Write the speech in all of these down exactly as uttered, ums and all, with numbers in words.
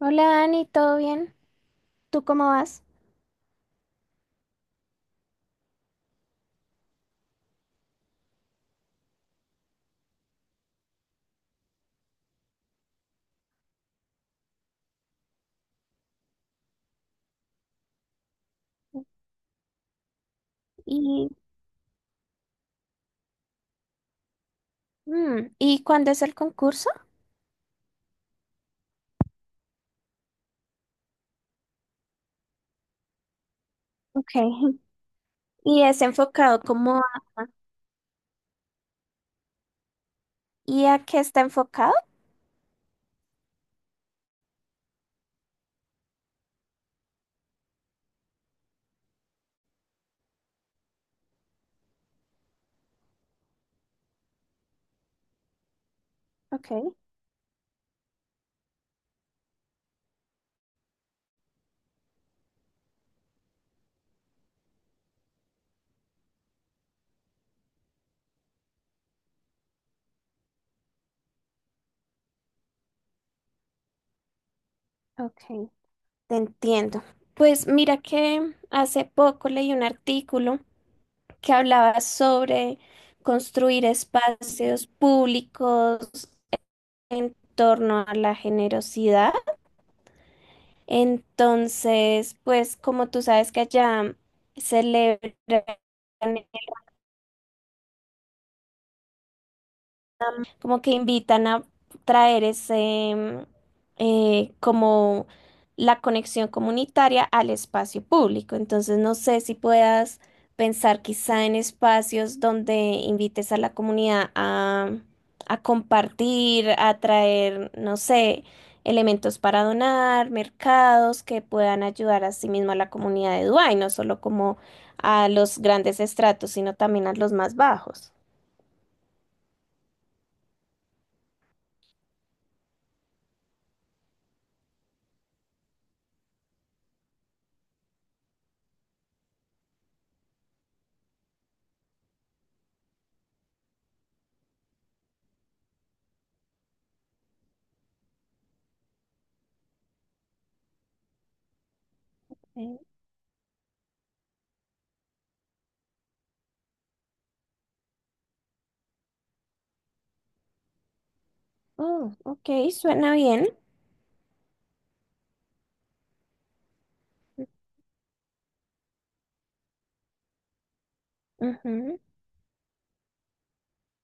Hola Dani, ¿todo bien? ¿Tú cómo vas? Y, mm, ¿Y cuándo es el concurso? Ok. ¿Y es enfocado como y a qué está enfocado? Ok, ok, te entiendo. Pues mira que hace poco leí un artículo que hablaba sobre construir espacios públicos en torno a la generosidad. Entonces, pues como tú sabes que allá celebran, como que invitan a traer ese, mm, eh, como la conexión comunitaria al espacio público. Entonces, no sé si puedas pensar quizá en espacios donde invites a la comunidad a, a compartir, a traer, no sé, elementos para donar, mercados que puedan ayudar a sí mismo a la comunidad de Dubái, no solo como a los grandes estratos, sino también a los más bajos. Eh, Oh, ok, suena bien. Ujú,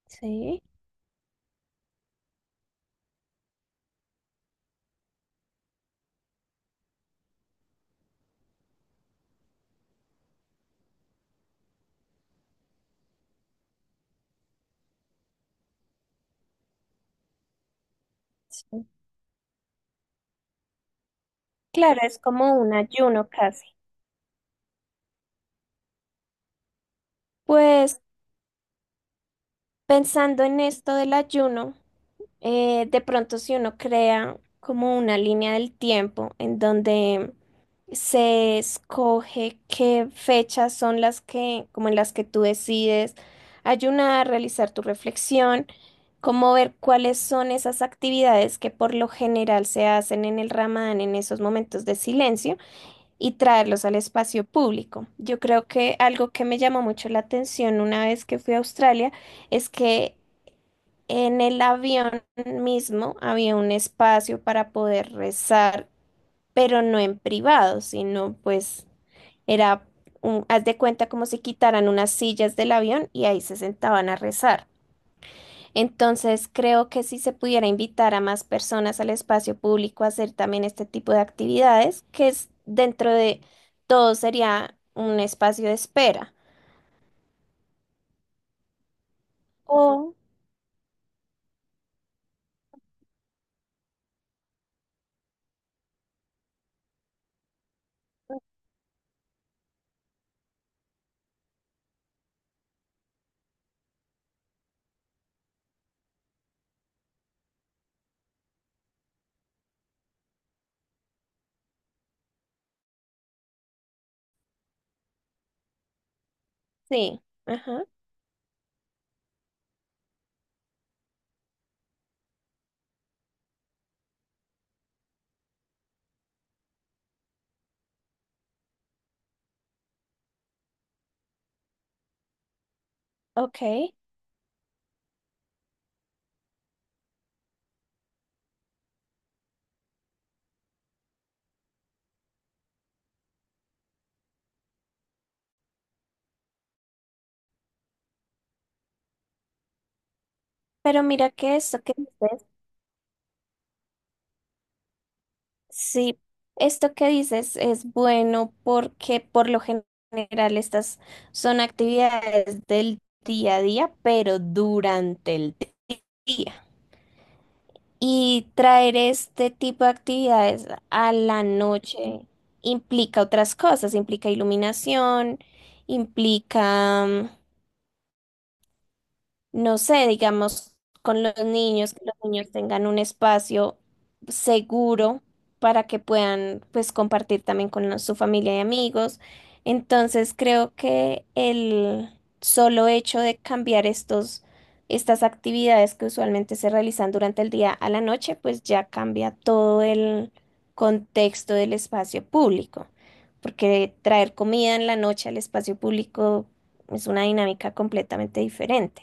sí, sí. Claro, es como un ayuno casi. Pues pensando en esto del ayuno, eh, de pronto si uno crea como una línea del tiempo en donde se escoge qué fechas son las que, como en las que tú decides ayunar, realizar tu reflexión, como ver cuáles son esas actividades que por lo general se hacen en el Ramadán en esos momentos de silencio y traerlos al espacio público. Yo creo que algo que me llamó mucho la atención una vez que fui a Australia es que en el avión mismo había un espacio para poder rezar, pero no en privado, sino pues era, un- haz de cuenta como si quitaran unas sillas del avión y ahí se sentaban a rezar. Entonces, creo que si se pudiera invitar a más personas al espacio público a hacer también este tipo de actividades, que es dentro de todo sería un espacio de espera. O, sí, ajá, ok. Pero mira que esto que dices, sí, esto que dices es bueno porque por lo gen- general estas son actividades del día a día, pero durante el di- día. Y traer este tipo de actividades a la noche implica otras cosas, implica iluminación, implica mm, no sé, digamos, con los niños, que los niños tengan un espacio seguro para que puedan, pues, compartir también con los- su familia y amigos. Entonces, creo que el solo hecho de cambiar estos, estas actividades que usualmente se realizan durante el día a la noche, pues ya cambia todo el contexto del espacio público, porque traer comida en la noche al espacio público es una dinámica completamente diferente.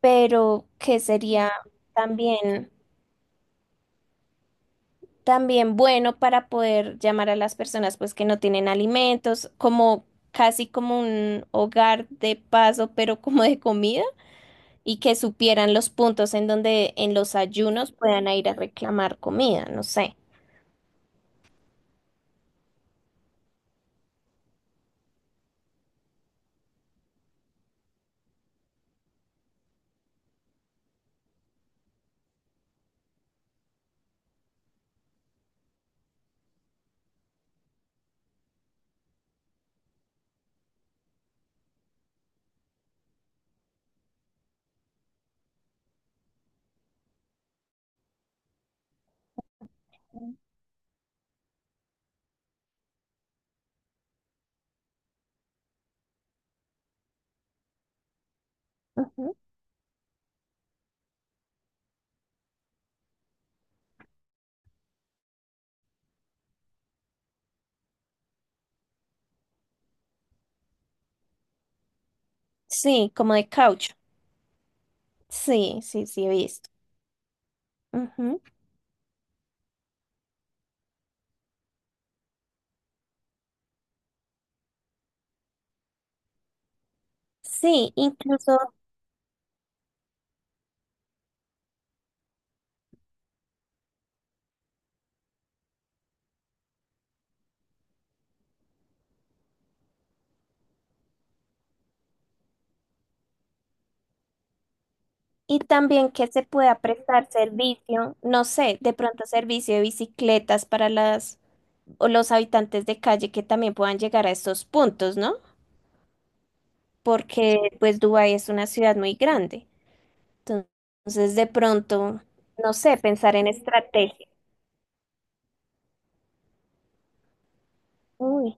Pero que sería también, también bueno para poder llamar a las personas pues que no tienen alimentos, como casi como un hogar de paso, pero como de comida, y que supieran los puntos en donde en los ayunos puedan ir a reclamar comida, no sé. Ujú. Sí, como de caucho. Sí, sí, sí, he visto. Ujú. Sí, incluso. Y también que se pueda prestar servicio, no sé, de pronto servicio de bicicletas para las o los habitantes de calle que también puedan llegar a estos puntos, ¿no? Porque pues Dubái es una ciudad muy grande. Entonces, de pronto, no sé, pensar en estrategia. Uy,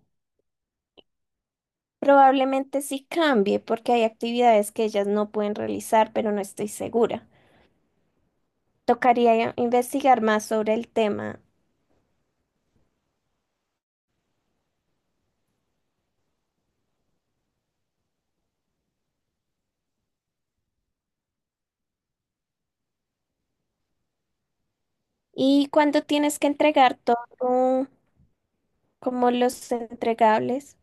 probablemente sí cambie porque hay actividades que ellas no pueden realizar, pero no estoy segura. Tocaría investigar más sobre el tema. ¿Y cuándo tienes que entregar todo? Como los entregables.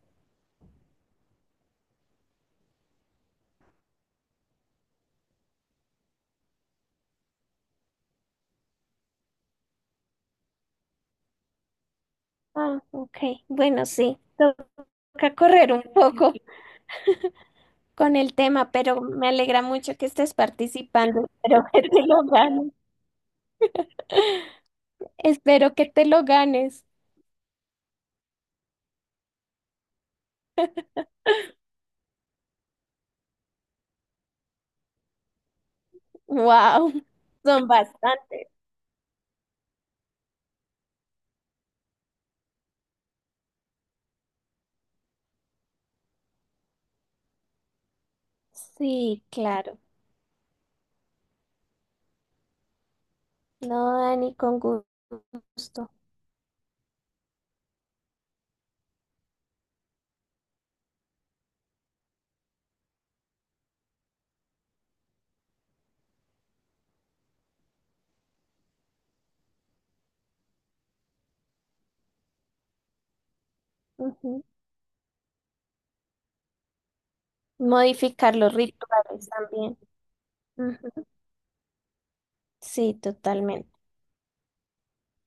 Ah, ok. Bueno, sí, toca correr un poco con el tema, pero me alegra mucho que estés participando. Espero que te lo ganes. Espero que te lo ganes. Wow, son bastantes. Sí, claro. No, Dani, con gu- gusto. Ujú. Modificar los rituales también. Ujú. Sí, totalmente.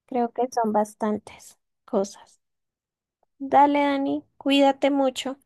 Creo que son bastantes cosas. Dale, Dani, cuídate mucho.